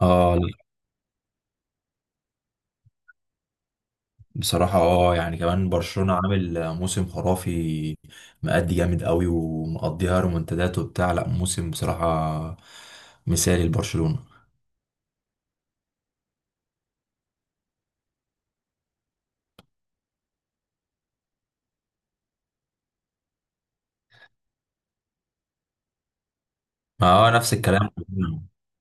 اه. بصراحة يعني كمان برشلونة عامل موسم خرافي، مأدي جامد قوي ومقضيها رومنتادات وبتاع، لا موسم بصراحة مثالي لبرشلونة. ما هو نفس الكلام.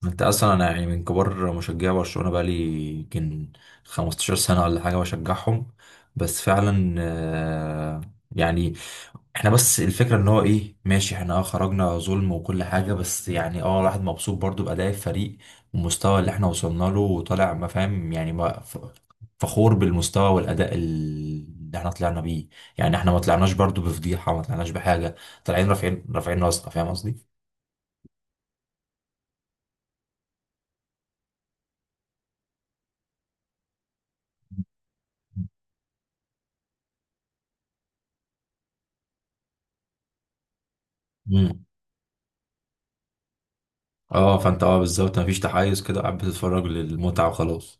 انت اصلا، انا يعني من كبار مشجعي برشلونة بقالي يمكن 15 سنة ولا حاجة بشجعهم. بس فعلا يعني احنا، بس الفكرة ان هو ايه، ماشي احنا خرجنا ظلم وكل حاجة، بس يعني الواحد مبسوط برضو بأداء الفريق والمستوى اللي احنا وصلنا له وطالع، ما فاهم يعني ما ف- فخور بالمستوى والأداء اللي احنا طلعنا بيه. يعني احنا ما طلعناش برضو بفضيحة، ما طلعناش بحاجة، طالعين رافعين رافعين راسنا، فاهم قصدي؟ امم. اه فانت بالظبط مفيش تحيز كده، قاعد بتتفرج للمتعة وخلاص.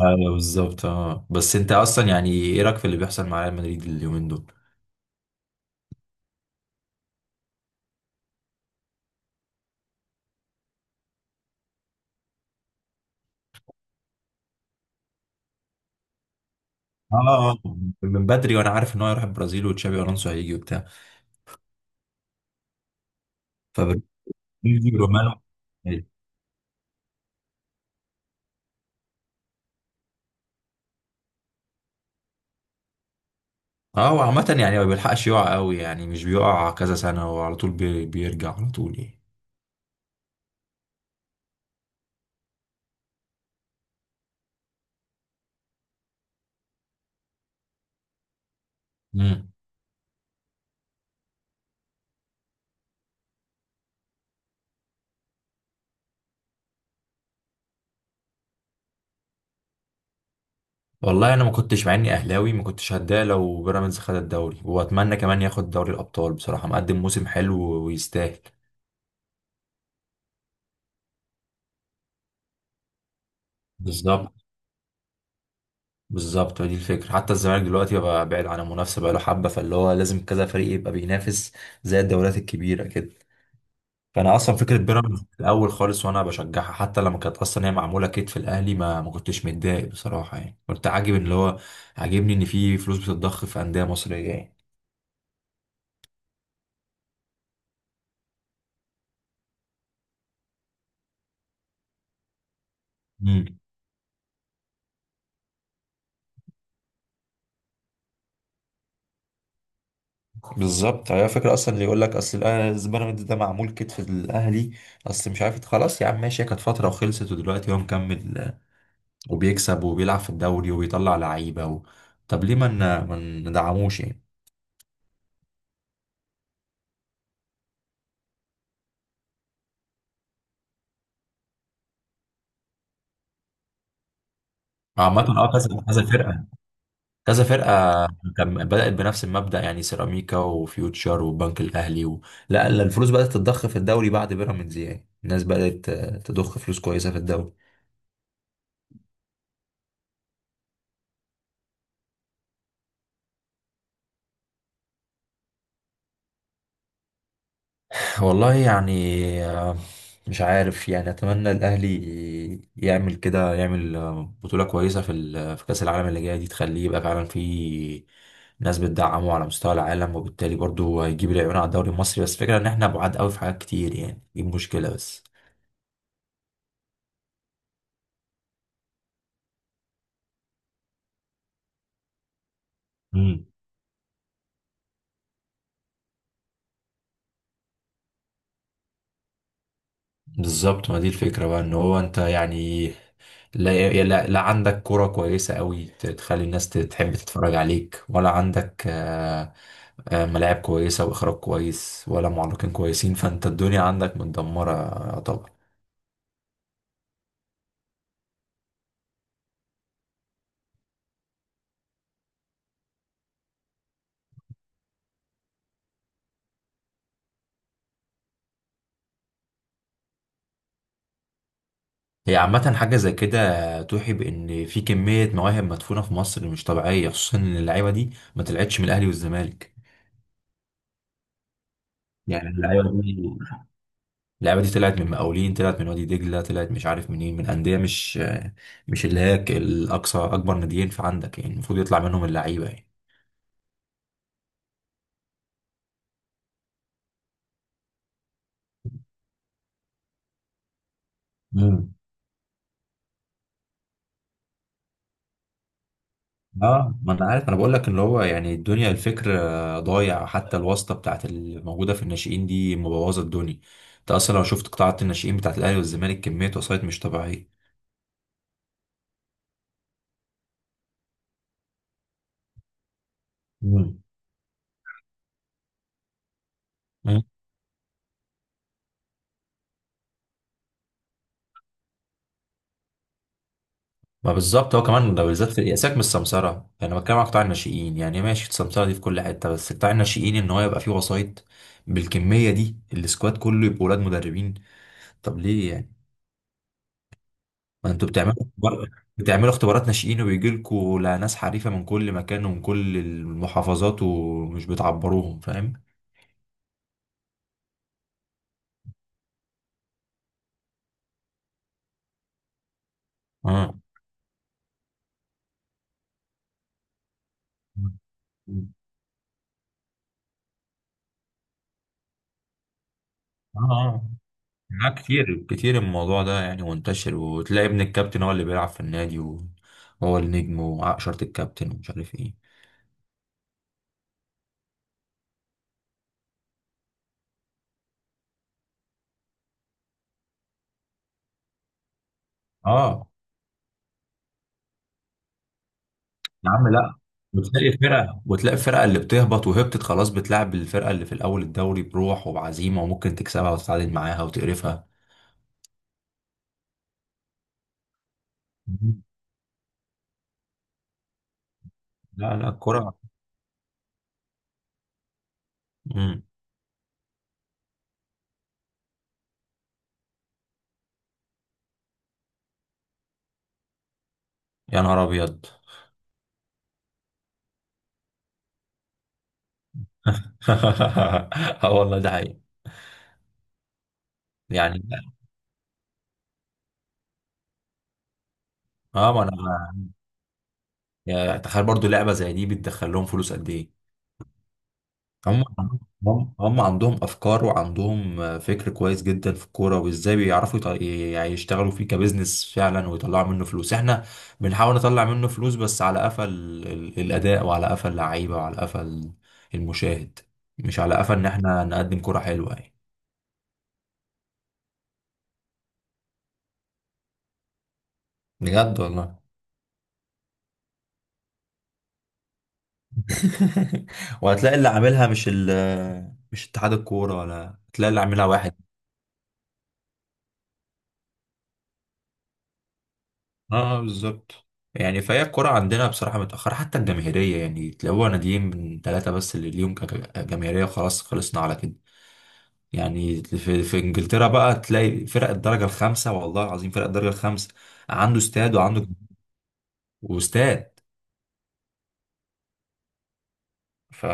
ايوه بالظبط، بس انت اصلا يعني ايه رأيك في اللي بيحصل مع ريال مدريد اليومين دول؟ اه اه، من بدري وانا عارف ان هو هيروح البرازيل وتشابي الونسو هيجي وبتاع. فبرازيل رومانو إيه. اه وعامة يعني ما بيلحقش يقع قوي، يعني مش بيقع كذا سنة وعلى طول بيرجع على طول يعني. امم. والله انا ما كنتش، مع اني اهلاوي ما كنتش هتضايق لو بيراميدز خد الدوري، واتمنى كمان ياخد دوري الابطال بصراحة، مقدم موسم حلو ويستاهل. بالظبط بالظبط، دي الفكرة، حتى الزمالك دلوقتي بقى بعيد عن المنافسة بقى له حبة، فاللي هو لازم كذا فريق يبقى بينافس زي الدوريات الكبيرة كده. فانا اصلا فكره بيراميدز في الاول خالص، وانا بشجعها حتى لما كانت اصلا هي معموله كتف الاهلي، ما كنتش متضايق بصراحه، يعني كنت عاجب اللي هو، عاجبني ان في فلوس بتتضخ في انديه مصريه يعني. امم. بالظبط، هي فكره اصلا اللي يقول لك اصل الأهلي- بيراميدز ده معمول كتف الاهلي، اصل مش عارف، خلاص يا عم ماشي، هي كانت فتره وخلصت، ودلوقتي هو مكمل وبيكسب وبيلعب في الدوري وبيطلع لعيبه. و... طب ليه ما ندعموش يعني. عامة كذا كذا فرقة، كذا فرقة كان بدأت بنفس المبدأ، يعني سيراميكا وفيوتشر والبنك الأهلي. و... لا لا، الفلوس بدأت تتضخ في الدوري بعد بيراميدز، يعني الناس بدأت تضخ فلوس كويسة في الدوري. والله يعني، آه، مش عارف، يعني أتمنى الأهلي يعمل كده، يعمل بطولة كويسة في في كأس العالم اللي جاية دي، تخليه يبقى فعلا في ناس بتدعمه على مستوى العالم، وبالتالي برضو هيجيب العيون على الدوري المصري، بس فكرة إن إحنا بعاد قوي في حاجات كتير يعني، دي مشكلة بس. بالظبط، ما دي الفكرة بقى، ان هو انت يعني، لا لا, لا عندك كرة كويسة قوي تخلي الناس تحب تتفرج عليك، ولا عندك ملاعب كويسة واخراج كويس، ولا معلقين كويسين، فانت الدنيا عندك متدمرة طبعا. هي عامة حاجة زي كده توحي بان في كمية مواهب مدفونة في مصر مش طبيعية، خصوصا ان اللعيبة دي ما طلعتش من الاهلي والزمالك. يعني اللعيبة دي، اللعبة دي طلعت من مقاولين، طلعت من وادي دجلة، طلعت مش عارف منين، من أندية مش، مش اللي هي الأقصى أكبر ناديين في عندك، يعني المفروض يطلع منهم اللعيبة يعني. امم. اه ما انا عارف، انا بقول لك اللي هو يعني الدنيا الفكر ضايع، حتى الواسطه بتاعت الموجوده في الناشئين دي مبوظه الدنيا. انت اصلا لو شفت قطاعات الناشئين بتاعت الاهلي والزمالك، كميه وسايط مش طبيعيه. امم. ما بالظبط، هو كمان ده بالذات، في سيبك من السمسرة، يعني بتكلم على قطاع الناشئين، يعني ماشي السمسرة دي في كل حتة، بس قطاع الناشئين ان هو يبقى فيه وسايط بالكمية دي، السكواد كله يبقى ولاد مدربين. طب ليه يعني، ما انتوا بتعملوا اختبار- بتعملوا اختبارات ناشئين، وبيجي لكم ناس حريفة من كل مكان ومن كل المحافظات، ومش بتعبروهم فاهم. اه اه. آه. لا كتير كتير، الموضوع ده يعني منتشر، وتلاقي ابن الكابتن هو اللي بيلعب في النادي وهو النجم وعقشرة الكابتن ومش عارف ايه. اه يا عم لا، وتلاقي فرقه، وتلاقي الفرقه اللي بتهبط وهبطت خلاص، بتلعب الفرقه اللي في الاول الدوري بروح وبعزيمه، وممكن تكسبها وتتعادل معاها وتقرفها. مم. لا لا الكرة. امم. يا نهار ابيض. اه والله ده حقيقي. يعني اه ما انا، يعني تخيل برضو لعبه زي دي بتدخل لهم فلوس قد ايه. هم هم عندهم افكار، وعندهم فكر كويس جدا في الكوره، وازاي بيعرفوا يعني يشتغلوا فيه كبزنس فعلا ويطلعوا منه فلوس، احنا بنحاول نطلع منه فلوس بس على قفا الاداء، وعلى قفا اللعيبه، وعلى قفا المشاهد، مش على قفا ان احنا نقدم كوره حلوه يعني. بجد والله. وهتلاقي اللي عاملها مش، مش اتحاد الكوره، ولا هتلاقي اللي عاملها واحد. اه بالظبط، يعني فهي الكرة عندنا بصراحة متأخرة، حتى الجماهيرية، يعني تلاقوها ناديين من ثلاثة بس اللي ليهم كجماهيرية، خلاص خلصنا على كده. يعني في, في انجلترا بقى تلاقي فرق الدرجة الخامسة، والله العظيم فرق الدرجة الخامسة عنده استاد، وعنده، واستاد. ف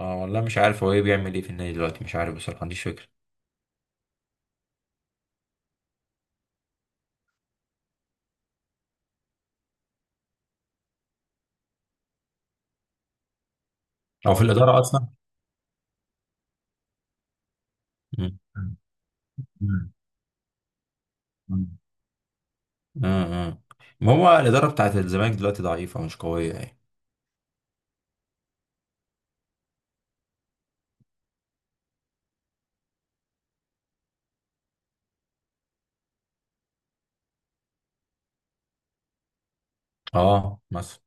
آه والله مش عارف هو ايه بيعمل، ايه في النادي دلوقتي، مش عارف بصراحة ما عنديش فكرة. او في هو الإدارة أصلا؟ مم. مم. مم. اه اه، ما هو الإدارة بتاعت الزمالك دلوقتي ضعيفة مش قوية يعني. اه مثلا.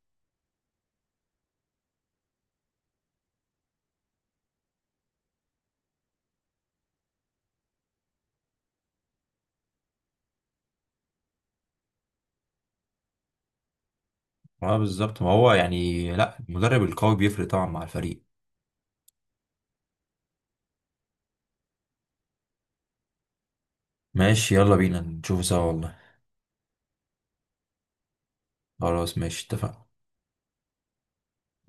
اه بالظبط، ما هو يعني، لا، المدرب القوي بيفرق طبعا مع الفريق. ماشي يلا بينا نشوفه سوا والله. خلاص ماشي اتفقنا.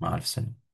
مع ألف سنة.